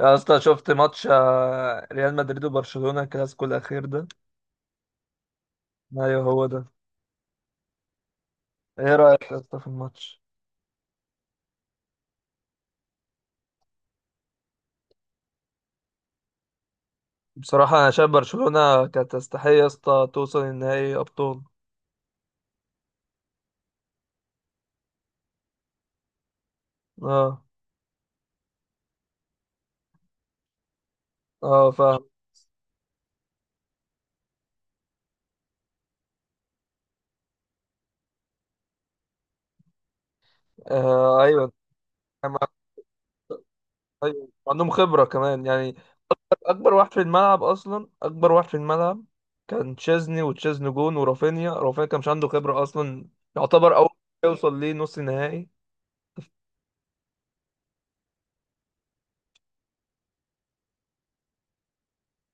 يا اسطى، شفت ماتش ريال مدريد وبرشلونة الكلاسيكو الأخير ده؟ أيوه هو ده. إيه رأيك يا اسطى في الماتش؟ بصراحة أنا شايف برشلونة كانت تستحق يا اسطى توصل النهائي أبطال. أه. أه فاهم. آه أيوه. أنا مع- أيوه عندهم خبرة كمان يعني. أكبر واحد في الملعب أصلا، أكبر واحد في الملعب كان تشيزني، وتشيزني جون ورافينيا. رافينيا كان مش عنده خبرة أصلا، يعتبر أول يوصل ليه نص نهائي.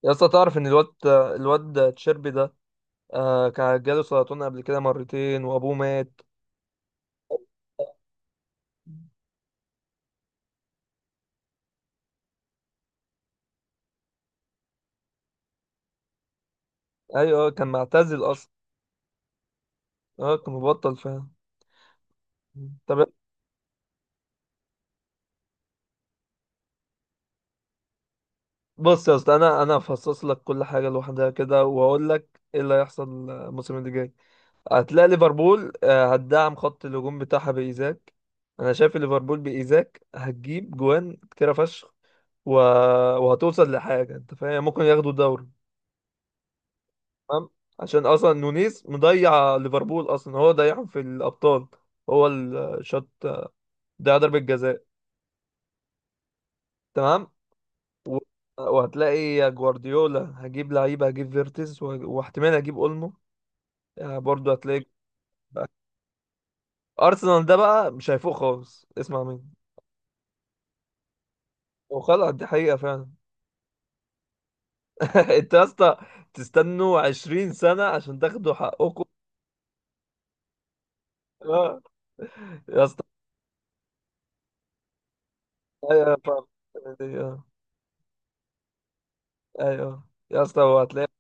يا اسطى، تعرف إن الواد الواد تشيربي ده، آه كان جاله سرطان قبل كده مرتين وابوه مات. ايوه، كان معتزل اصلا. اه كان مبطل فعلا. طب بص يا اسطى، انا هفصص لك كل حاجه لوحدها كده واقول لك ايه اللي هيحصل الموسم اللي جاي. هتلاقي ليفربول هتدعم خط الهجوم بتاعها بايزاك. انا شايف ليفربول بايزاك هتجيب جوان كتيره فشخ. و... وهتوصل لحاجه، انت فاهم، يعني ممكن ياخدوا الدوري. تمام. عشان اصلا نونيز مضيع ليفربول، اصلا هو ضيعهم في الابطال، هو اللي شاط، ده ضربة جزاء. تمام. و... وهتلاقي يا جوارديولا هجيب لعيبة، هجيب فيرتز واحتمال هجيب اولمو. يعني برضه هتلاقي. ارسنال ده بقى مش هيفوق خالص، اسمع مني. وخلاص دي حقيقة فعلا. انت يا اسطى تستنوا 20 سنة عشان تاخدوا حقكم. اه يا اسطى. ايوه فعلا. ايوه ايوه يا اسطى وهتلاقي.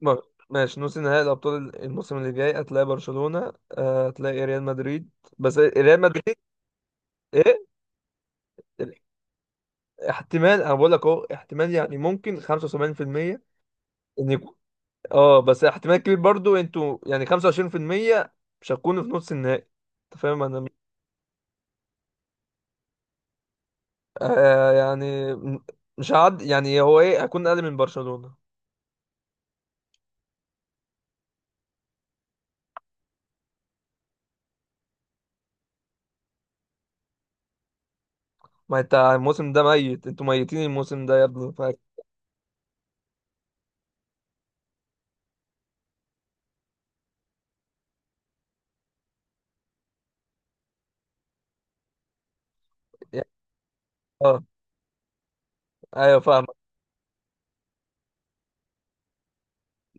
م- ماشي، نص نهائي الابطال الموسم اللي جاي هتلاقي برشلونة، هتلاقي ريال مدريد، بس ريال مدريد. ايه؟ احتمال. انا بقول لك اهو احتمال، يعني ممكن 75%، ان يكون. اه بس احتمال كبير برضو، انتوا يعني 25% مش هتكونوا في نص النهائي. انت فاهم انا. آه يعني مش هعد. يعني هو ايه، هكون اقل من برشلونة؟ ما انت الموسم ده ميت، انتوا ميتين الموسم ده يا ابني يعني- اه ايوه فاهمك.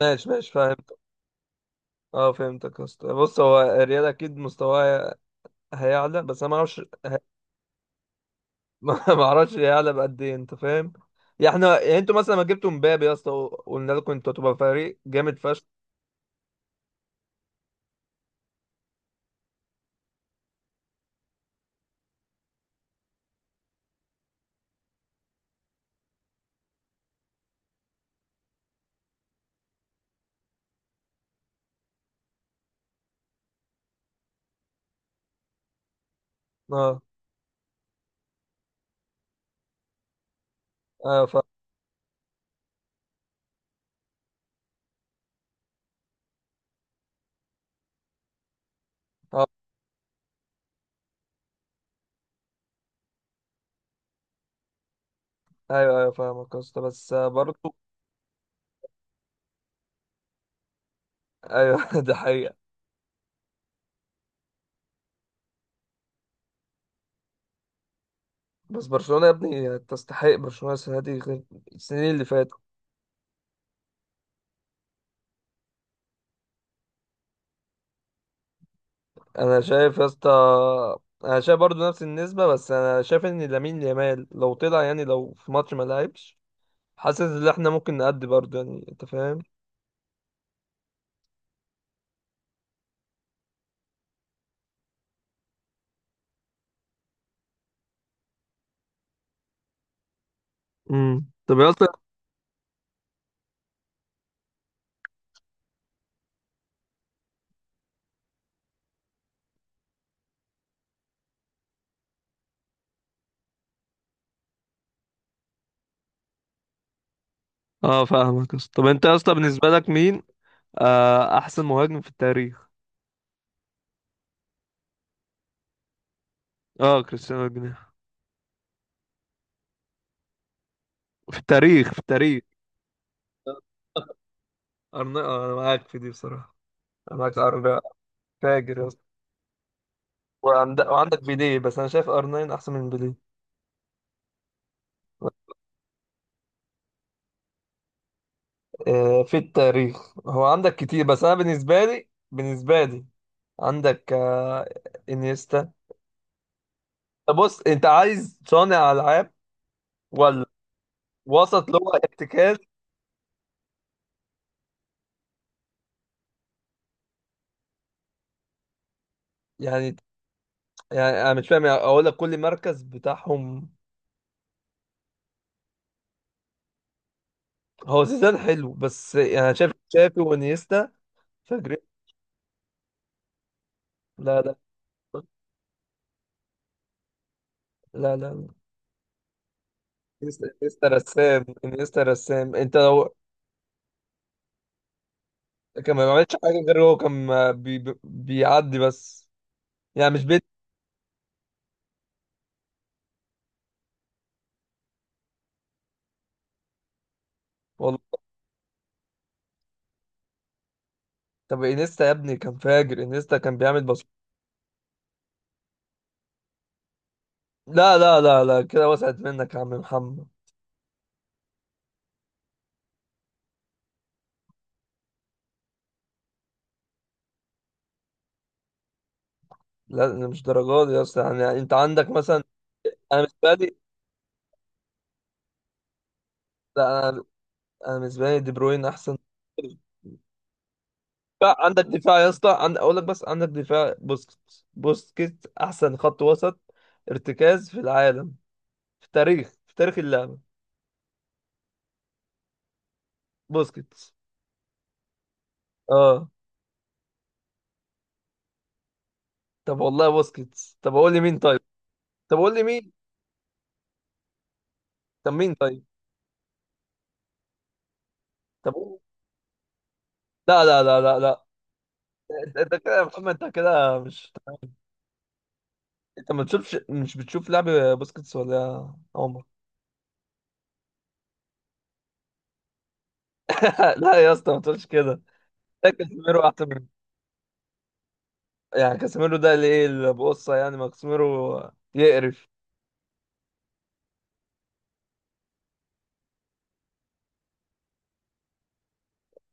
ماشي ماشي فاهم. اه فهمتك يا اسطى. بص، هو الريال اكيد مستواه هيعلى، بس انا ما اعرفش. ما اعرفش يعلى بقد ايه، انت فاهم. يعني احنا يعني انتوا مثلا ما جبتوا مبابي يا اسطى، وقلنا لكم انتوا هتبقى فريق جامد فشخ. اه ايوه فاهم. اه ايوه ايوه فاهمك يا اسطى بس برضه. ايوه. ده حقيقة. بس برشلونة يا ابني تستحق، برشلونة السنة دي غير السنين اللي فاتت. انا شايف يا اسطى، انا شايف برضه نفس النسبة، بس انا شايف ان لامين يامال لو طلع، يعني لو في ماتش ما لعبش، حاسس ان احنا ممكن نأدي برضه، يعني انت فاهم. طب يا اسطى. اه فاهمك يا اسطى. طب انت يا اسطى بالنسبه لك مين احسن مهاجم في التاريخ؟ اه كريستيانو جناح. في التاريخ، في التاريخ. انا معاك في دي بصراحه. انا معاك أرنا، فاجر يا اسطى. وعندك بيليه، بس انا شايف ار9 احسن من بيليه. آه في التاريخ هو عندك كتير، بس انا بالنسبه لي، بالنسبه لي عندك آه، انيستا. طب بص، انت عايز صانع العاب ولا وسط اللي هو ارتكاز؟ يعني يعني انا مش فاهم، يعني اقول لك كل مركز بتاعهم. هو زيدان حلو، بس يعني شايف شافي وانيستا، فجر. لا لا لا لا لا. انيستا، إنيستا رسام، انيستا رسام. انت لو كان ما بيعملش حاجه، غير هو كان بيعدي بس، يعني مش بيت. والله. طب انيستا يا ابني كان فاجر، انيستا كان بيعمل بس. لا لا لا لا كده، وسعت منك يا عم محمد. لا، أنا مش درجات دي اصلا، يعني انت عندك مثلا. انا بالنسبه لي، لا انا، أنا بالنسبه لي دي بروين احسن. بقى عندك دفاع يا اسطى، اقول لك، بس عندك دفاع. بوسكيتس، بوسكيتس احسن خط وسط ارتكاز في العالم، في التاريخ، في تاريخ اللعبه. بوسكيتس. اه. طب والله، بوسكيتس. طب اقول لي مين طيب. طب قول لي مين. طب مين طيب. طب قول- لا لا لا لا لا. انت كده يا محمد، انت كده مش. انت ما بتشوفش، مش بتشوف لعب بوسكيتس ولا يا عمر. لا يا اسطى ما تقولش كده. ده كاسيميرو احسن منه. يعني كاسيميرو ده اللي ايه اللي بقصه يعني، ما كاسيميرو يقرف.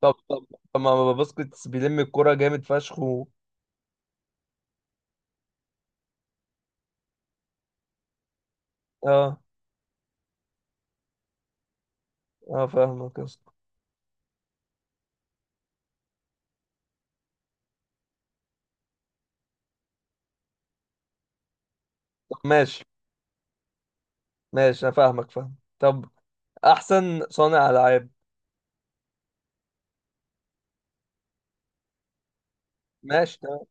طب طب طب ما باسكتس بيلم الكرة جامد فشخ اه. اه فاهمك يا اسطى. طب ماشي ماشي. انا فاهمك فاهم. طب احسن صانع العاب. ماشي تمام.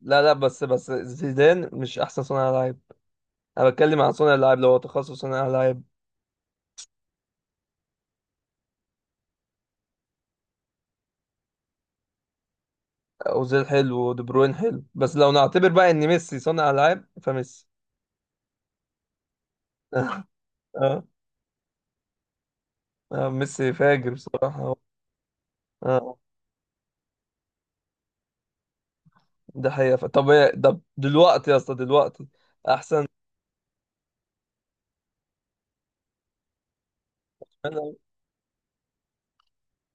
لا لا، بس بس زيدان مش احسن صانع العاب. انا بتكلم عن صانع العاب، لو هو تخصص صانع العاب. اوزيل حلو، ودي بروين حلو، بس لو نعتبر بقى ان ميسي صانع العاب، فميسي. اه. اه ميسي فاجر بصراحة. اه ده حقيقة. طب طب دلوقتي يا اسطى، دلوقتي احسن.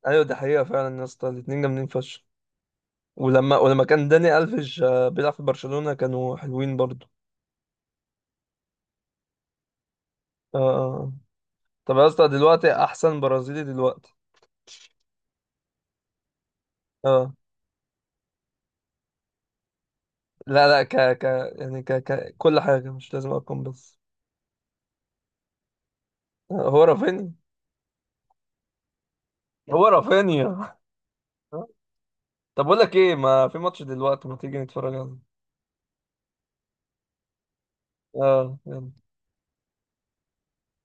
ايوه دي حقيقة فعلا يا اسطى، الاتنين جامدين فشخ. ولما كان داني الفيش بيلعب في برشلونة، كانوا حلوين برضو. اه آه. طب يا اسطى دلوقتي، احسن برازيلي دلوقتي. اه. لا لا، ك ك يعني ك ك كل حاجة مش لازم ارقام بس. هو رافينيا. هو رافينيا. طب اقول لك ايه، ما في ماتش دلوقتي، ما تيجي نتفرج عليه. اه يلا.